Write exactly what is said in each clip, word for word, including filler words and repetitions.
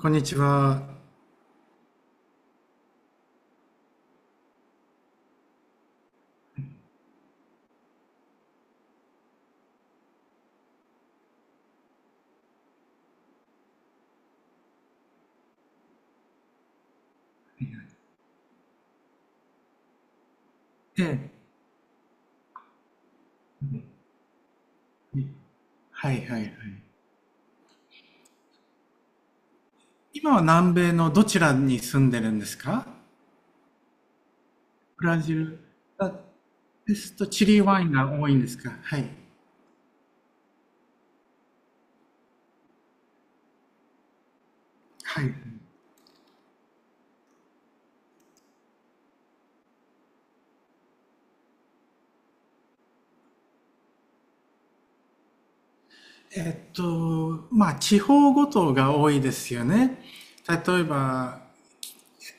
こんにちは。ええ、はいはいはい。今は南米のどちらに住んでるんですか？ブラジル、あですとチリワインが多いんですか？はい。はい。えっと、まあ地方ごとが多いですよね。例えば、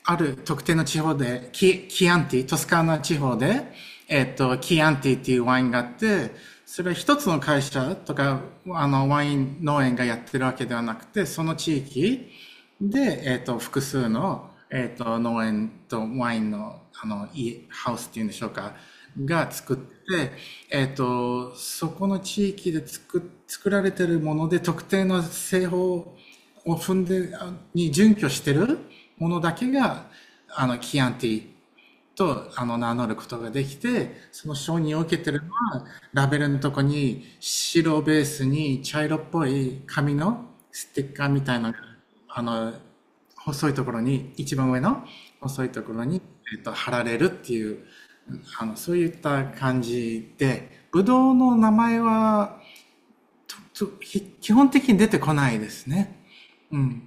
ある特定の地方で、キ、キアンティ、トスカーナ地方で、えっと、キアンティっていうワインがあって、それは一つの会社とか、あの、ワイン農園がやってるわけではなくて、その地域、で、えっと、複数の、えっと、農園とワインの、あの、家、ハウスっていうんでしょうか、が作って、えっと、そこの地域で作、作られてるもので、特定の製法を踏んで、に準拠してるものだけが、あの、キアンティとあの名乗ることができて、その承認を受けてるのは、ラベルのとこに白ベースに茶色っぽい紙のステッカーみたいな、あの、細いところに、一番上の細いところに、えっと、貼られるっていう、あの、そういった感じで、ブドウの名前は、ちょ基本的に出てこないですね。うん。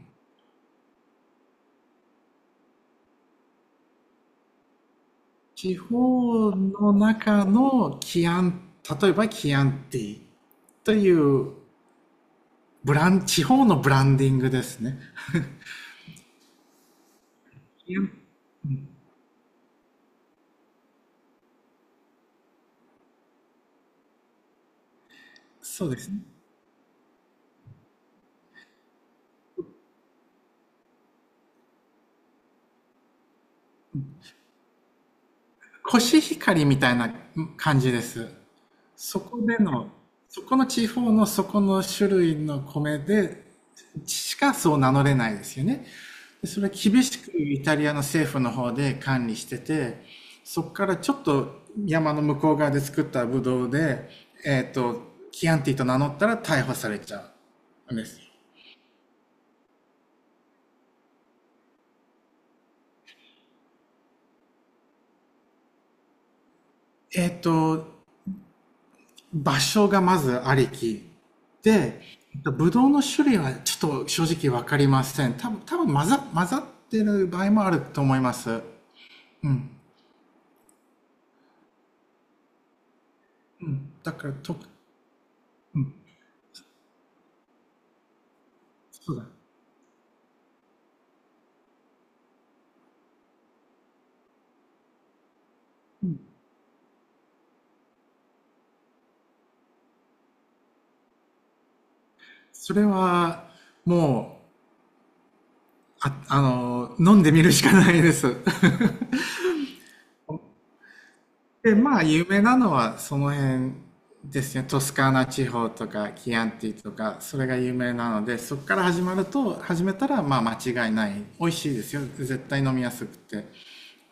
地方の中のキアン、例えばキアンティというブラン、地方のブランディングですね。そうですね。コシヒカリみたいな感じです。そこでの、そこの地方のそこの種類の米で、しかそう名乗れないですよね。でそれは厳しくイタリアの政府の方で管理してて、そこからちょっと山の向こう側で作ったブドウで、えっ、と、キアンティと名乗ったら逮捕されちゃうんです。えっ、と、場所がまずありき。で、ブドウの種類はちょっと正直わかりません。多分、多分混ざ、混ざってる場合もあると思います。うん。うん。だから、と、うん。そうだ。それは、もう、あ、あの、飲んでみるしかないです。で、まあ、有名なのはその辺ですね。トスカーナ地方とか、キアンティとか、それが有名なので、そこから始まると、始めたら、まあ、間違いない。美味しいですよ。絶対飲みやすくて。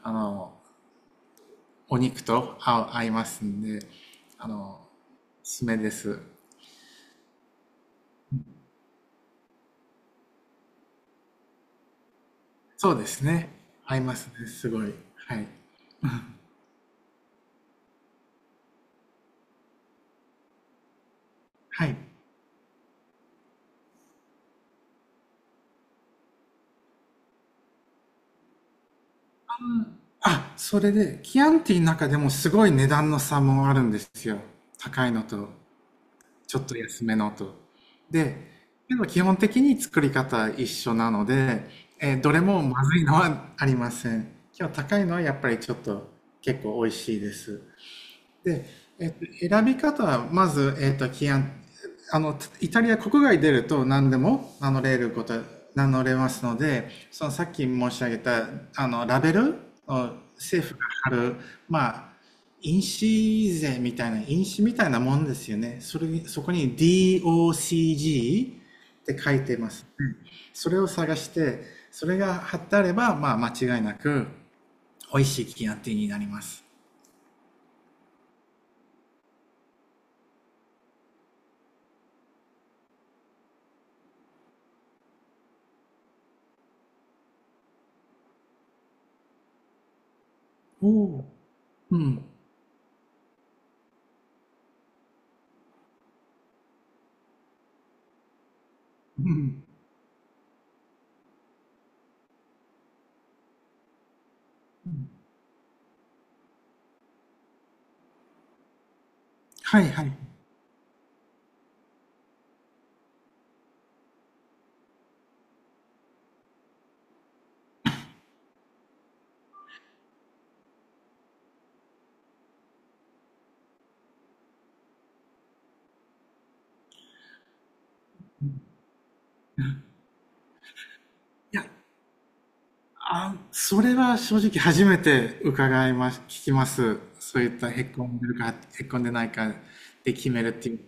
あの、お肉と合う合いますんで、あの、おすすめです。そうですね。合いますね。すごい。はい。はい。あ、それで、キアンティの中でもすごい値段の差もあるんですよ。高いのと、ちょっと安めのと。で、けど基本的に作り方一緒なので、えーどれもまずいのはありません。今日高いのはやっぱりちょっと結構美味しいです。で、えっと、選び方は、まず、えっと、規案、あの、イタリア国外出ると何でも名乗れること、名乗れますので、そのさっき申し上げた、あの、ラベルを政府が貼る、まあ、印紙税みたいな、印紙みたいなもんですよね。それ、そこに ディーオーシージー って書いてます。それを探して、それが貼ってあれば、まあ、間違いなく、美味しいキアンティになります。おお。うん。うんはいはい。いや、あ、それは正直初めて伺います、聞きます。そういったへっこんでるか、へっこんでないかで決めるっていう。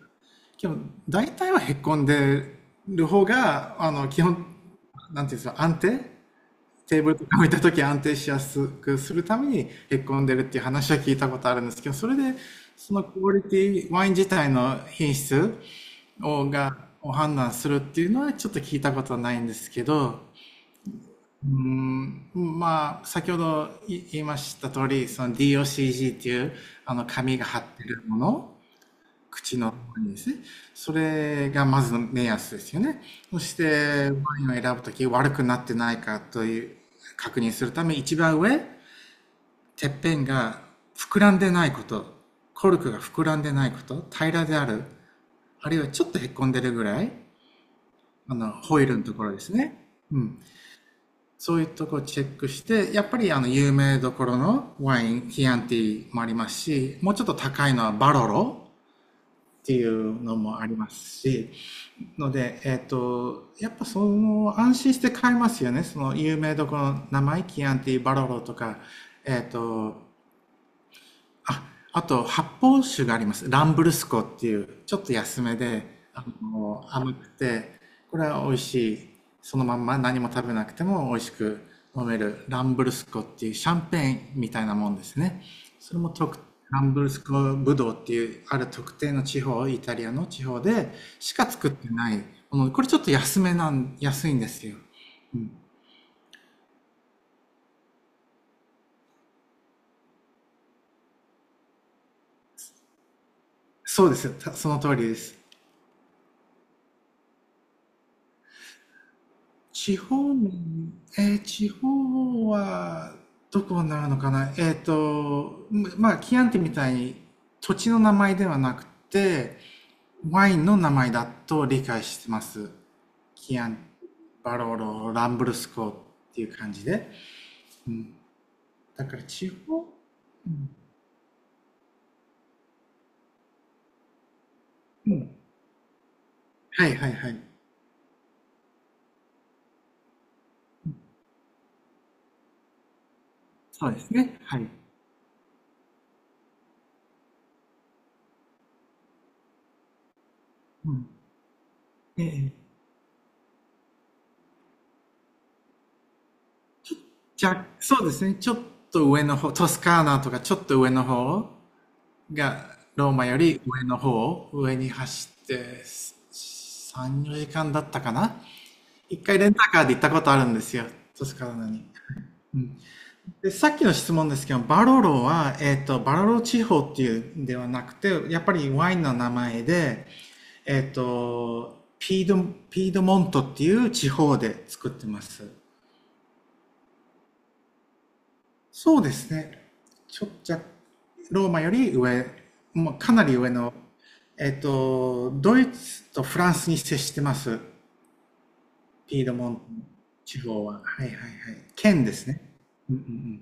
でも、大体はへっこんでる方が、あの、基本、なんていうんですか、安定、テーブルとか置いた時安定しやすくするためにへっこんでるっていう話は聞いたことあるんですけど、それで、そのクオリティ、ワイン自体の品質を、が、を判断するっていうのはちょっと聞いたことはないんですけど、うーん、まあ、先ほどい言いました通り、その ディーオーシージー っていう、あの、紙が貼ってるもの、口のところにですね、それがまずの目安ですよね。そして、ワインを選ぶとき、悪くなってないかという、確認するため、一番上、てっぺんが膨らんでないこと、コルクが膨らんでないこと、平らである、あるいはちょっとへっこんでるぐらい、あの、ホイールのところですね。うん。そういうところをチェックして、やっぱりあの有名どころのワイン、キアンティもありますし、もうちょっと高いのはバロロっていうのもありますし、ので、えっ、と、やっぱその安心して買えますよね。その有名どころの名前、キアンティ、バロロとか、えっ、と、あ、あと発泡酒があります。ランブルスコっていう、ちょっと安めで、あの、甘くて、これは美味しい。そのまんま何も食べなくても美味しく飲めるランブルスコっていうシャンペーンみたいなもんですね。それも特、ランブルスコブドウっていうある特定の地方、イタリアの地方でしか作ってないもの。これちょっと安めなん、安いんですよ。うん、そうですよ。たその通りです。地方、えー地方はどこになるのかな、えっと、まあ、キアンティみたいに土地の名前ではなくて、ワインの名前だと理解してます。キアン、バローロ、ランブルスコっていう感じで。うん。だから地方、うん、うん。はいはいはい。そうですね。はい。うん。ええ。じゃ、そうですね。ちょっと上の方、トスカーナとかちょっと上の方が、ローマより上の方、を上に走ってさん、よじかんだったかな、一回レンタカーで行ったことあるんですよ、トスカーナに。うん、でさっきの質問ですけど、バロロは、えっ、と、バロロ地方っていうんではなくて、やっぱりワインの名前で、えっ、と、ピード、ピードモントっていう地方で作ってます。そうですね。ちょっと、ローマより上、もうかなり上の、えっと、ドイツとフランスに接してます。ピードモント地方は。はいはいはい。県ですね。うんうんうん。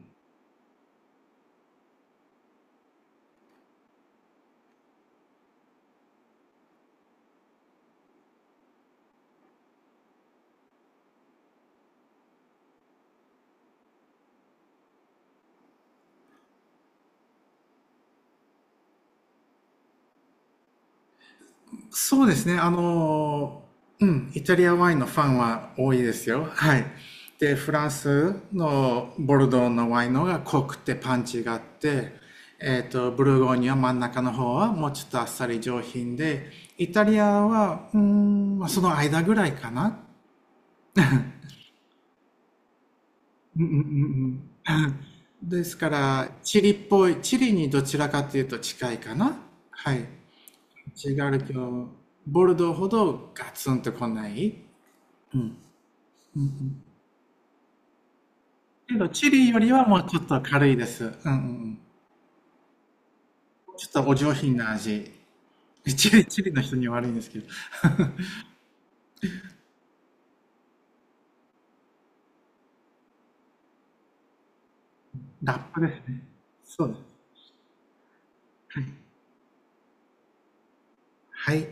そうですね。あの、うん、イタリアワインのファンは多いですよ。はい。で、フランスのボルドーのワインの方が濃くてパンチがあって、えっと、ブルゴーニュは真ん中の方はもうちょっとあっさり上品で、イタリアは、うーん、まあその間ぐらいかな。うんうんうんうん。ですから、チリっぽい、チリにどちらかというと近いかな。はい。違うけど、ボルドーほどガツンと来ない。うん。うんうん。けど、チリよりはもうちょっと軽いです。うんうん。ちょっとお上品な味。チリ、チリの人には悪いんですけど。ラップですね。そうです。はい。はい。